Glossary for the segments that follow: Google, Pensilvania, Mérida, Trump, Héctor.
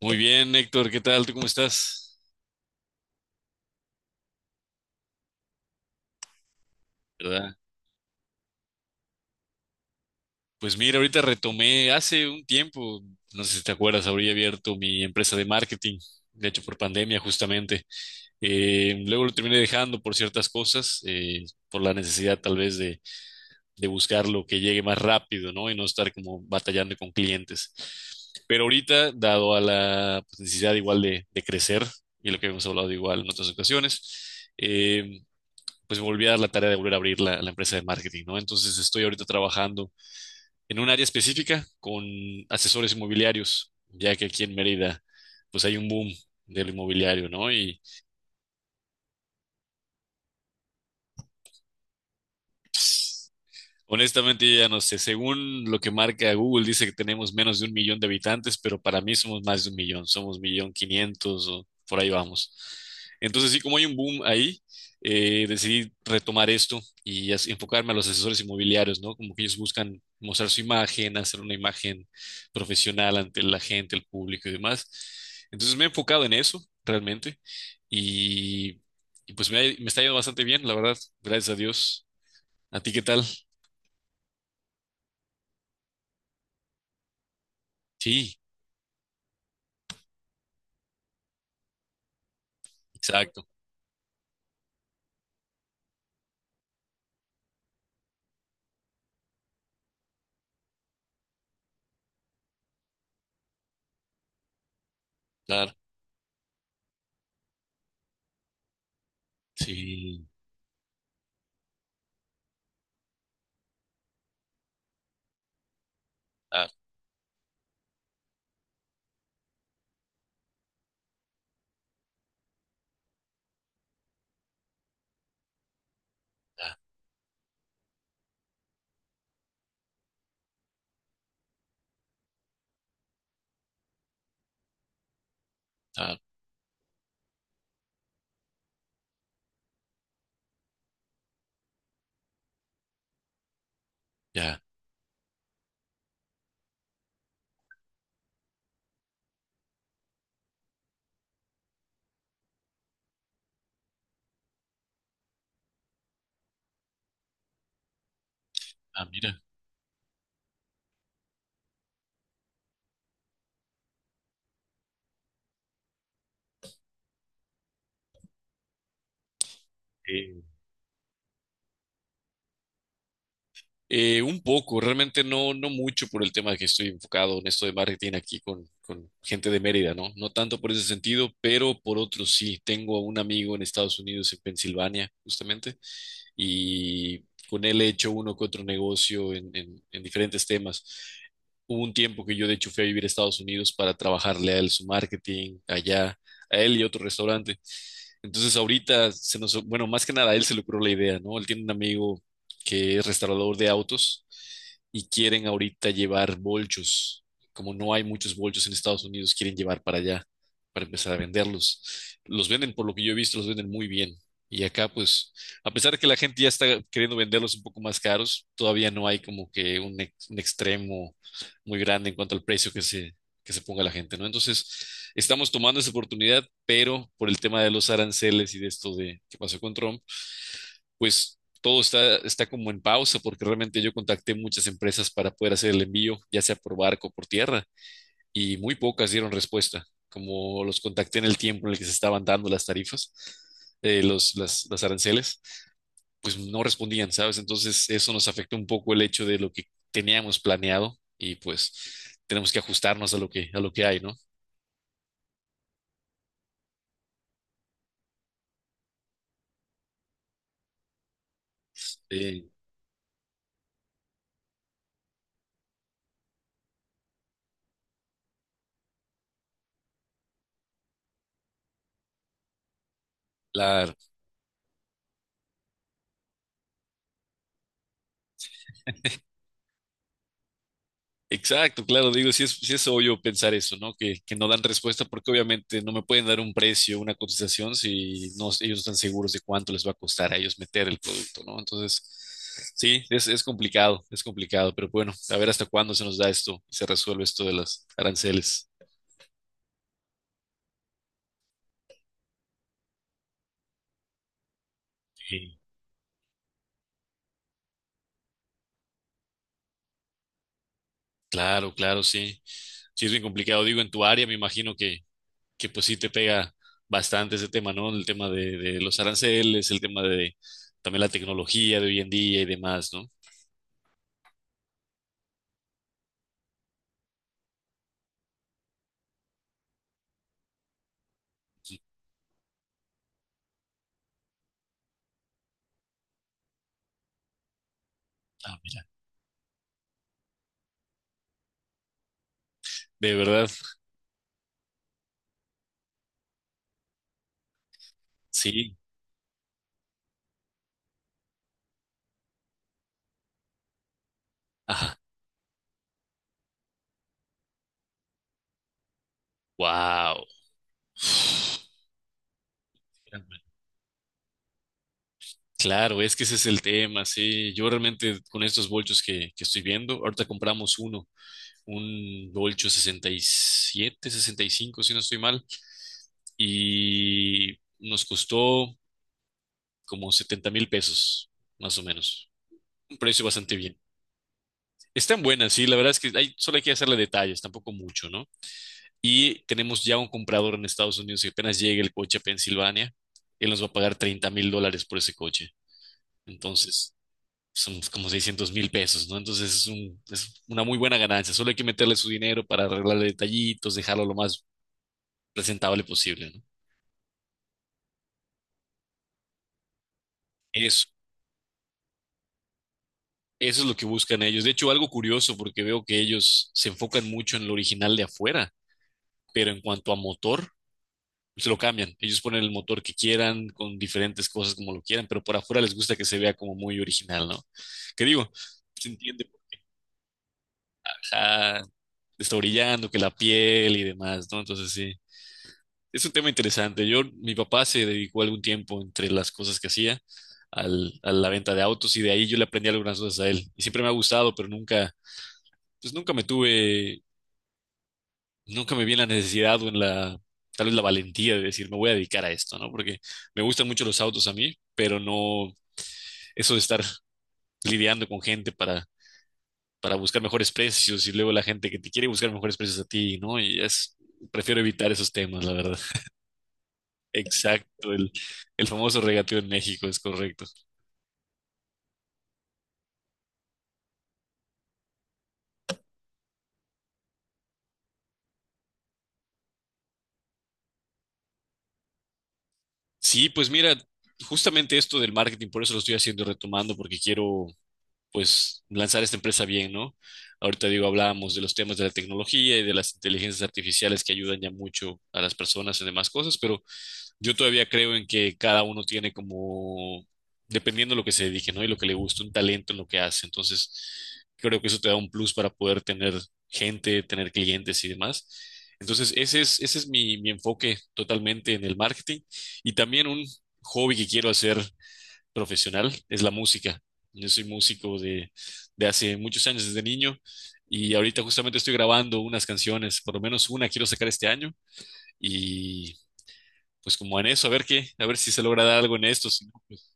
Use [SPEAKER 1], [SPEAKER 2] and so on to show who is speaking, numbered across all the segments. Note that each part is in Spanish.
[SPEAKER 1] Muy bien, Héctor, ¿qué tal? ¿Tú cómo estás? ¿Verdad? Pues mira, ahorita retomé hace un tiempo, no sé si te acuerdas, habría abierto mi empresa de marketing, de hecho por pandemia justamente. Luego lo terminé dejando por ciertas cosas, por la necesidad tal vez de buscar lo que llegue más rápido, ¿no? Y no estar como batallando con clientes. Pero ahorita, dado a la pues, necesidad igual de crecer y lo que hemos hablado igual en otras ocasiones, eh, pues volví a dar la tarea de volver a abrir la empresa de marketing, ¿no? Entonces estoy ahorita trabajando en un área específica con asesores inmobiliarios, ya que aquí en Mérida, pues hay un boom del inmobiliario, ¿no? Y pues, honestamente, yo ya no sé. Según lo que marca Google, dice que tenemos menos de un millón de habitantes, pero para mí somos más de un millón. Somos millón quinientos o por ahí vamos. Entonces, sí, como hay un boom ahí, decidí retomar esto y enfocarme a los asesores inmobiliarios, ¿no? Como que ellos buscan mostrar su imagen, hacer una imagen profesional ante la gente, el público y demás. Entonces, me he enfocado en eso realmente y, y pues me está yendo bastante bien, la verdad. Gracias a Dios. ¿A ti qué tal? Sí. Exacto, claro, sí, ah, ah, ah, ya, ah, mira, eh, un poco, realmente no, no mucho por el tema de que estoy enfocado en esto de marketing aquí con gente de Mérida, ¿no? No tanto por ese sentido, pero por otro sí. Tengo a un amigo en Estados Unidos, en Pensilvania, justamente, y con él he hecho uno que otro negocio en diferentes temas. Hubo un tiempo que yo de hecho fui a vivir a Estados Unidos para trabajarle a él su marketing allá, a él y otro restaurante. Entonces ahorita bueno, más que nada a él se le ocurrió la idea, ¿no? Él tiene un amigo que es restaurador de autos, y quieren ahorita llevar bolchos. Como no hay muchos bolchos en Estados Unidos, quieren llevar para allá, para empezar a venderlos. Los venden, por lo que yo he visto, los venden muy bien. Y acá, pues, a pesar de que la gente ya está queriendo venderlos un poco más caros, todavía no hay como que un extremo muy grande en cuanto al precio que se ponga la gente, ¿no? Entonces, estamos tomando esa oportunidad, pero por el tema de los aranceles y de esto de que pasó con Trump, pues todo está como en pausa porque realmente yo contacté muchas empresas para poder hacer el envío, ya sea por barco o por tierra, y muy pocas dieron respuesta. Como los contacté en el tiempo en el que se estaban dando las tarifas, las aranceles, pues no respondían, ¿sabes? Entonces eso nos afectó un poco el hecho de lo que teníamos planeado y pues tenemos que ajustarnos a lo que hay, ¿no? Eh, la Exacto, claro, digo, si es, sí es obvio pensar eso, ¿no? Que no dan respuesta porque obviamente no me pueden dar un precio, una cotización si no, ellos no están seguros de cuánto les va a costar a ellos meter el producto, ¿no? Entonces, sí, es complicado, es complicado, pero bueno, a ver hasta cuándo se nos da esto y se resuelve esto de los aranceles. Sí. Claro, claro, sí. Sí, es bien complicado. Digo, en tu área me imagino que pues sí te pega bastante ese tema, ¿no? El tema de los aranceles, el tema de también la tecnología de hoy en día y demás, ¿no? Ah, mira, de verdad, sí. Ajá. Wow. Claro, es que ese es el tema, sí. Yo realmente con estos bolchos que estoy viendo, ahorita compramos uno, un bolcho 67, 65, si no estoy mal, y nos costó como 70 mil pesos, más o menos. Un precio bastante bien. Están buenas, sí, la verdad es que hay, solo hay que hacerle detalles, tampoco mucho, ¿no? Y tenemos ya un comprador en Estados Unidos que apenas llegue el coche a Pensilvania, él nos va a pagar 30,000 dólares por ese coche. Entonces, son como 600,000 pesos, ¿no? Entonces, es una muy buena ganancia. Solo hay que meterle su dinero para arreglarle detallitos, dejarlo lo más presentable posible, ¿no? Eso, eso es lo que buscan ellos. De hecho, algo curioso, porque veo que ellos se enfocan mucho en lo original de afuera, pero en cuanto a motor, se lo cambian. Ellos ponen el motor que quieran, con diferentes cosas como lo quieran, pero por afuera les gusta que se vea como muy original, ¿no? Que digo, se entiende, ajá, está brillando, que la piel y demás, ¿no? Entonces sí, es un tema interesante. Yo, mi papá se dedicó algún tiempo entre las cosas que hacía a la venta de autos y de ahí yo le aprendí algunas cosas a él. Y siempre me ha gustado, pero nunca, pues nunca me tuve, nunca me vi en la necesidad o tal vez la valentía de decir, me voy a dedicar a esto, ¿no? Porque me gustan mucho los autos a mí, pero no, eso de estar lidiando con gente para buscar mejores precios y luego la gente que te quiere buscar mejores precios a ti, ¿no? Prefiero evitar esos temas, la verdad. Exacto, el famoso regateo en México, es correcto. Sí, pues mira, justamente esto del marketing, por eso lo estoy haciendo retomando, porque quiero, pues, lanzar esta empresa bien, ¿no? Ahorita digo, hablábamos de los temas de la tecnología y de las inteligencias artificiales que ayudan ya mucho a las personas en demás cosas, pero yo todavía creo en que cada uno tiene como, dependiendo de lo que se dedique, ¿no? Y lo que le gusta, un talento en lo que hace. Entonces, creo que eso te da un plus para poder tener gente, tener clientes y demás. Entonces, ese es mi enfoque totalmente en el marketing. Y también un hobby que quiero hacer profesional es la música. Yo soy músico de hace muchos años, desde niño. Y ahorita justamente estoy grabando unas canciones, por lo menos una quiero sacar este año. Y pues como en eso, a ver qué, a ver si se logra dar algo en esto. Si no, pues,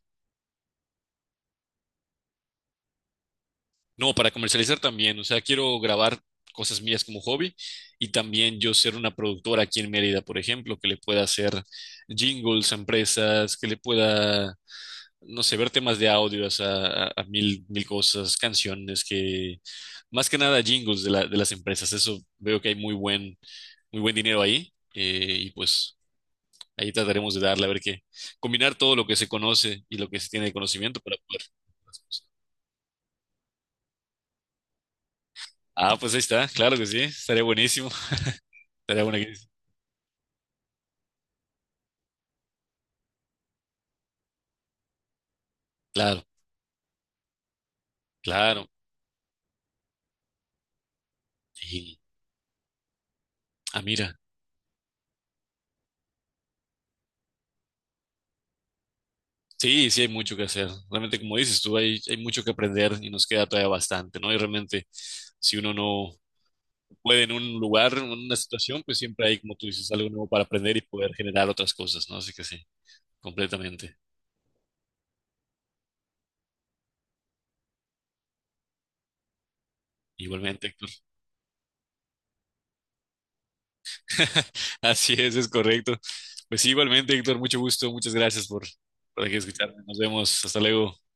[SPEAKER 1] no, para comercializar también, o sea, quiero grabar cosas mías como hobby y también yo ser una productora aquí en Mérida, por ejemplo, que le pueda hacer jingles a empresas, que le pueda, no sé, ver temas de audio, o sea, a mil, mil cosas, canciones, que más que nada jingles de las empresas, eso veo que hay muy buen dinero ahí, y pues ahí trataremos de darle, a ver qué. Combinar todo lo que se conoce y lo que se tiene de conocimiento para poder. Ah, pues ahí está, claro que sí, estaría buenísimo. Estaría buena que- Claro, claro. Y, ah, mira, sí, sí hay mucho que hacer. Realmente, como dices tú, hay mucho que aprender y nos queda todavía bastante, ¿no? Y realmente, si uno no puede en un lugar, en una situación, pues siempre hay, como tú dices, algo nuevo para aprender y poder generar otras cosas, ¿no? Así que sí, completamente. Igualmente. Así es, correcto. Pues sí, igualmente, Héctor, mucho gusto, muchas gracias por, aquí escucharme. Nos vemos, hasta luego.